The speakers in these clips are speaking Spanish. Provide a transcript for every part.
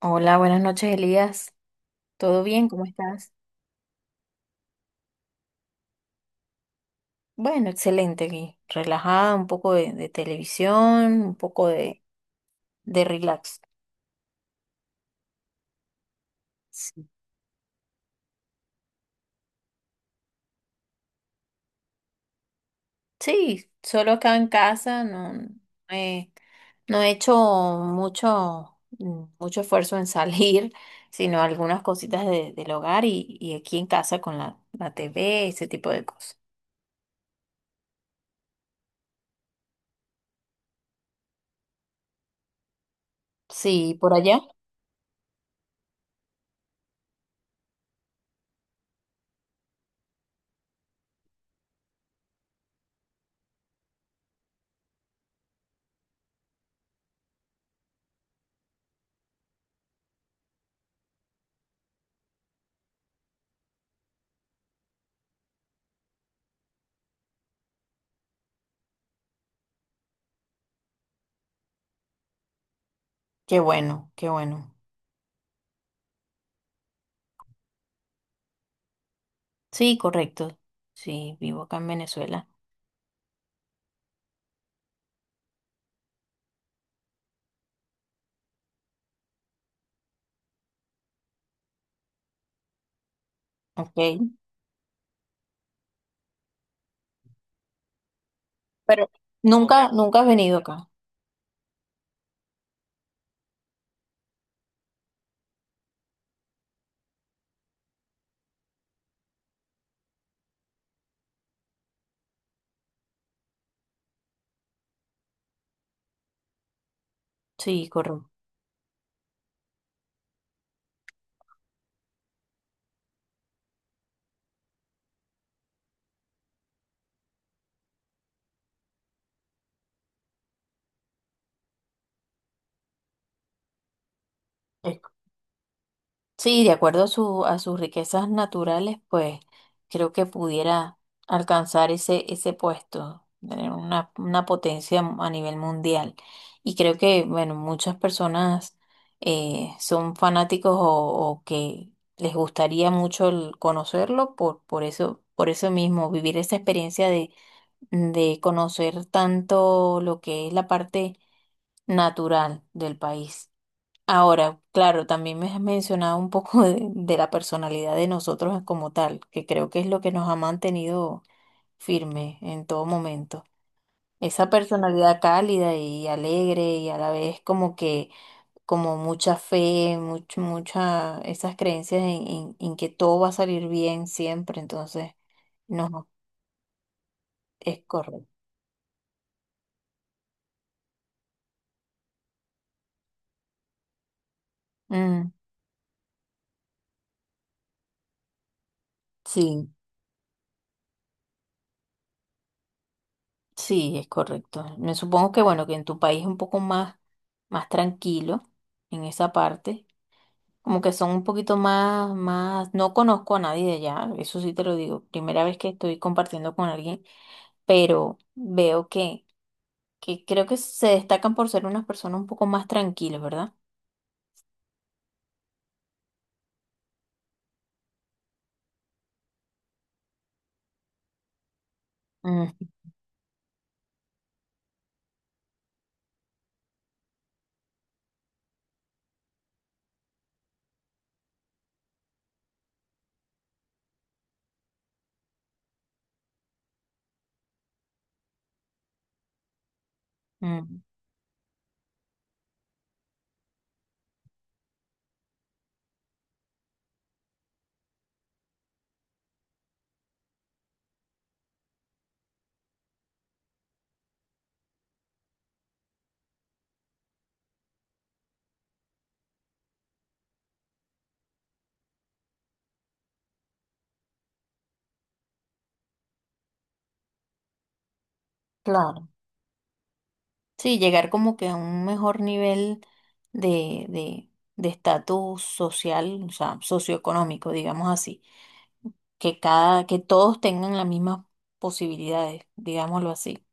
Hola, buenas noches, Elías. ¿Todo bien? ¿Cómo estás? Bueno, excelente aquí. Relajada, un poco de televisión, un poco de relax. Sí. Sí, solo acá en casa, no, he, no he hecho mucho, mucho esfuerzo en salir, sino algunas cositas del hogar y aquí en casa con la TV, ese tipo de cosas. Sí, por allá. Qué bueno, qué bueno. Sí, correcto. Sí, vivo acá en Venezuela. Ok. Pero nunca, nunca has venido acá. Sí, correcto. Eh, Sí, de acuerdo a a sus riquezas naturales, pues creo que pudiera alcanzar ese puesto, tener una potencia a nivel mundial. Y creo que, bueno, muchas personas son fanáticos o que les gustaría mucho el conocerlo por eso, por eso mismo, vivir esa experiencia de conocer tanto lo que es la parte natural del país. Ahora, claro, también me has mencionado un poco de la personalidad de nosotros como tal, que creo que es lo que nos ha mantenido firme en todo momento. Esa personalidad cálida y alegre y a la vez como que, como mucha fe, mucha, esas creencias en que todo va a salir bien siempre, entonces, no, es correcto. Mm, sí. Sí, es correcto. Me supongo que bueno, que en tu país es un poco más tranquilo en esa parte. Como que son un poquito más, no conozco a nadie de allá, eso sí te lo digo. Primera vez que estoy compartiendo con alguien, pero veo que, creo que se destacan por ser unas personas un poco más tranquilas, ¿verdad? Mm, mm, claro. Sí, llegar como que a un mejor nivel de, de, de estatus social, o sea, socioeconómico, digamos así. Que todos tengan las mismas posibilidades, digámoslo así.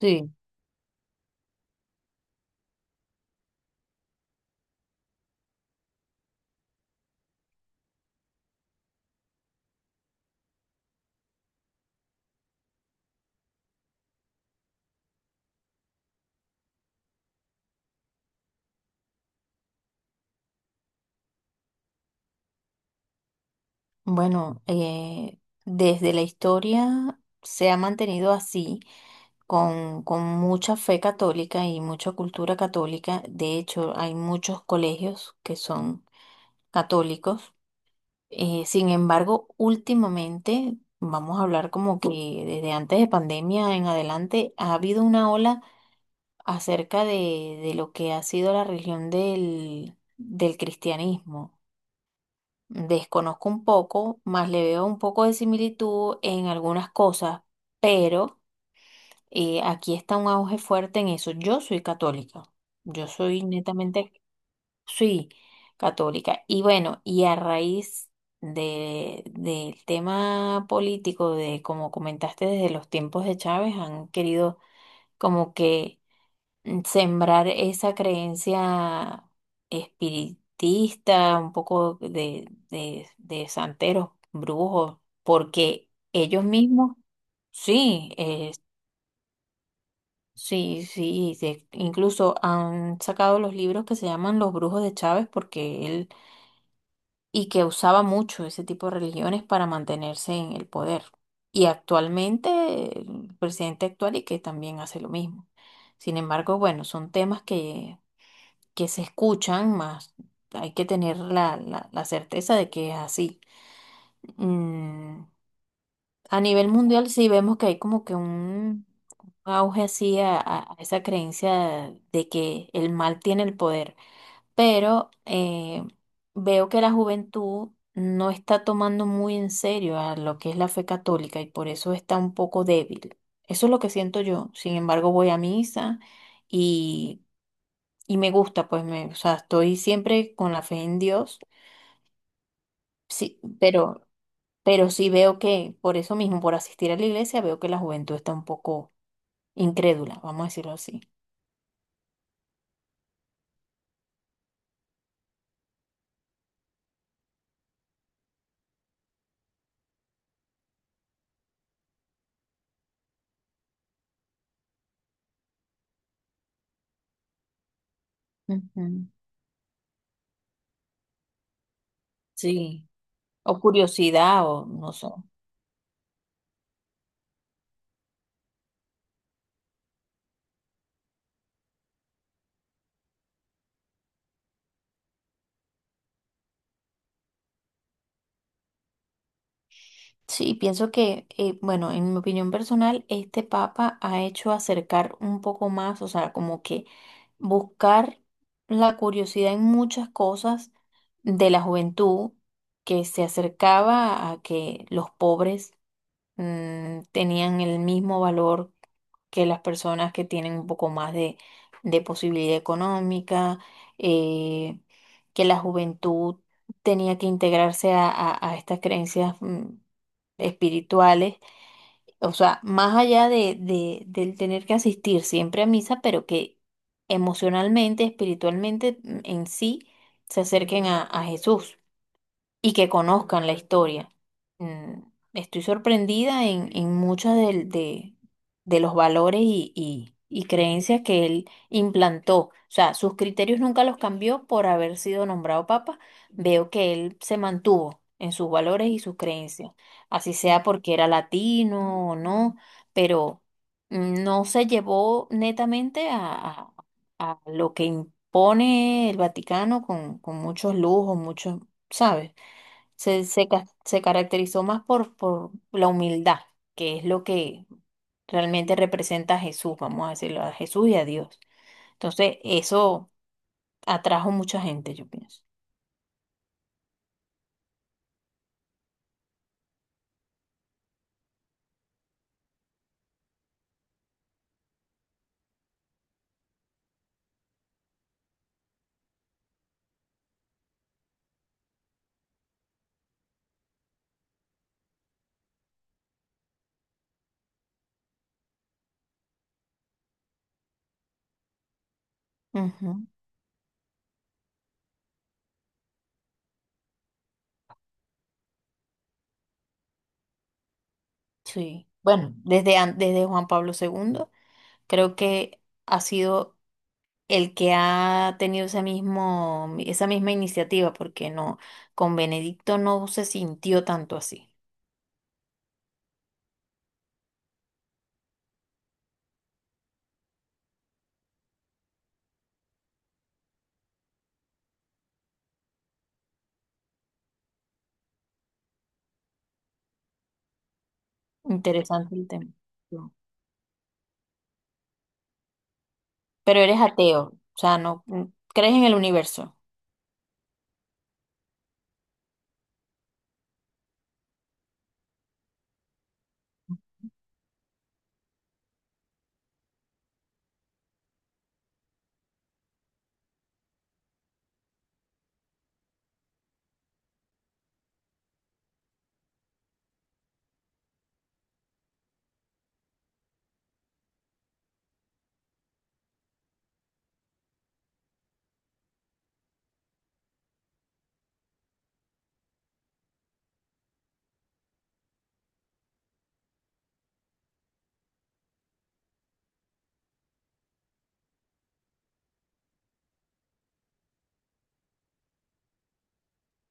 Sí. Bueno, desde la historia se ha mantenido así, con mucha fe católica y mucha cultura católica. De hecho, hay muchos colegios que son católicos. Sin embargo, últimamente, vamos a hablar como que desde antes de pandemia en adelante, ha habido una ola acerca de lo que ha sido la religión del cristianismo. Desconozco un poco, más le veo un poco de similitud en algunas cosas, pero aquí está un auge fuerte en eso. Yo soy católica, yo soy netamente, sí, católica. Y bueno, y a raíz del tema político, de como comentaste, desde los tiempos de Chávez, han querido como que sembrar esa creencia espiritista, un poco de santeros, brujos, porque ellos mismos, sí, sí, sí, incluso han sacado los libros que se llaman Los Brujos de Chávez, porque él, y que usaba mucho ese tipo de religiones para mantenerse en el poder. Y actualmente, el presidente actual y que también hace lo mismo. Sin embargo, bueno, son temas que se escuchan, más hay que tener la certeza de que es así. Mm, a nivel mundial sí vemos que hay como que un auge así a esa creencia de que el mal tiene el poder, pero veo que la juventud no está tomando muy en serio a lo que es la fe católica y por eso está un poco débil. Eso es lo que siento yo. Sin embargo, voy a misa. Y y me gusta, pues me, o sea, estoy siempre con la fe en Dios, sí, pero sí veo que por eso mismo, por asistir a la iglesia, veo que la juventud está un poco incrédula, vamos a decirlo así. Ujú. Sí. O curiosidad, o no sé. Sí, pienso que, bueno, en mi opinión personal, este Papa ha hecho acercar un poco más, o sea, como que buscar la curiosidad en muchas cosas de la juventud que se acercaba a que los pobres tenían el mismo valor que las personas que tienen un poco más de posibilidad económica, eh, que la juventud tenía que integrarse a estas creencias espirituales, o sea, más allá del tener que asistir siempre a misa, pero que emocionalmente, espiritualmente en sí se acerquen a Jesús y que conozcan la historia. Mm, Estoy sorprendida en muchos de los valores y creencias que él implantó. O sea, sus criterios nunca los cambió por haber sido nombrado papa. Veo que él se mantuvo en sus valores y sus creencias, así sea porque era latino o no, pero no se llevó netamente a lo que impone el Vaticano con, muchos lujos, muchos, ¿sabes? se caracterizó más por la humildad, que es lo que realmente representa a Jesús, vamos a decirlo, a Jesús y a Dios. Entonces, eso atrajo mucha gente, yo pienso. Ujú, sí. Bueno, desde Juan Pablo segundo creo que ha sido el que ha tenido esa misma iniciativa, porque no, con Benedicto no se sintió tanto así. Interesante el tema. Pero eres ateo, o sea, no crees en el universo.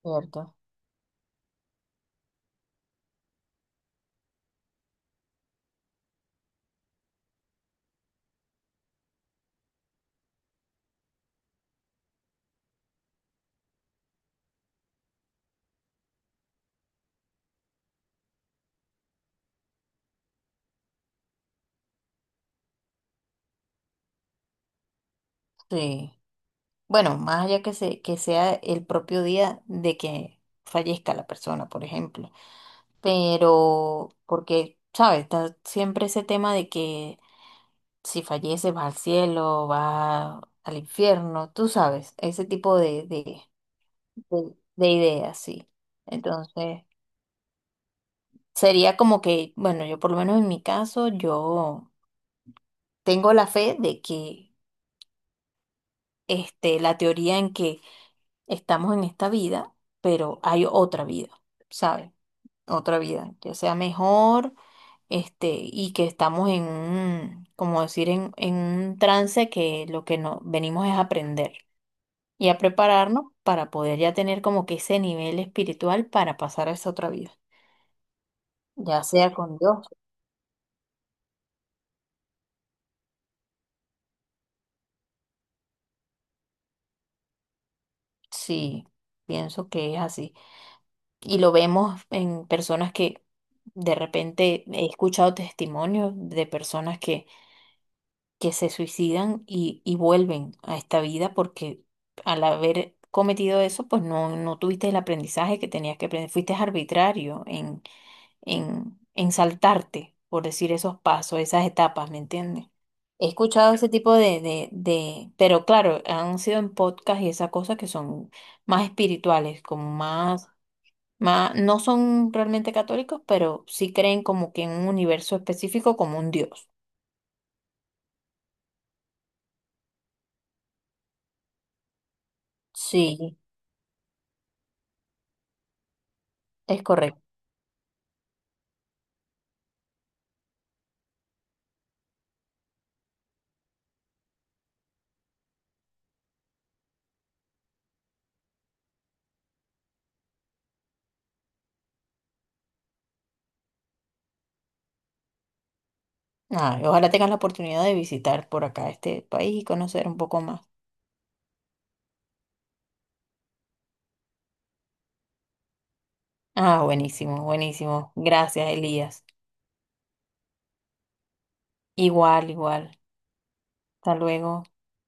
¿Cierto? Sí. Bueno, más allá que, se, que sea el propio día de que fallezca la persona, por ejemplo. Pero, porque, ¿sabes? Está siempre ese tema de que si fallece va al cielo, va al infierno, tú sabes, ese tipo de, de ideas, sí. Entonces, sería como que, bueno, yo por lo menos en mi caso, yo tengo la fe de que este, la teoría en que estamos en esta vida, pero hay otra vida, ¿sabes? Otra vida, ya sea mejor, este, y que estamos en un, como decir, en un trance que lo que nos venimos es a aprender y a prepararnos para poder ya tener como que ese nivel espiritual para pasar a esa otra vida, ya sea con Dios. Sí, pienso que es así. Y lo vemos en personas que de repente he escuchado testimonios de personas que se suicidan y vuelven a esta vida porque al haber cometido eso, pues no, no tuviste el aprendizaje que tenías que aprender, fuiste arbitrario en saltarte, por decir esos pasos, esas etapas, ¿me entiendes? He escuchado ese tipo pero claro, han sido en podcast y esas cosas que son más espirituales, no son realmente católicos, pero sí creen como que en un universo específico como un Dios. Sí, es correcto. Ah, y ojalá tengas la oportunidad de visitar por acá este país y conocer un poco más. Ah, buenísimo, buenísimo. Gracias, Elías. Igual, igual. Hasta luego.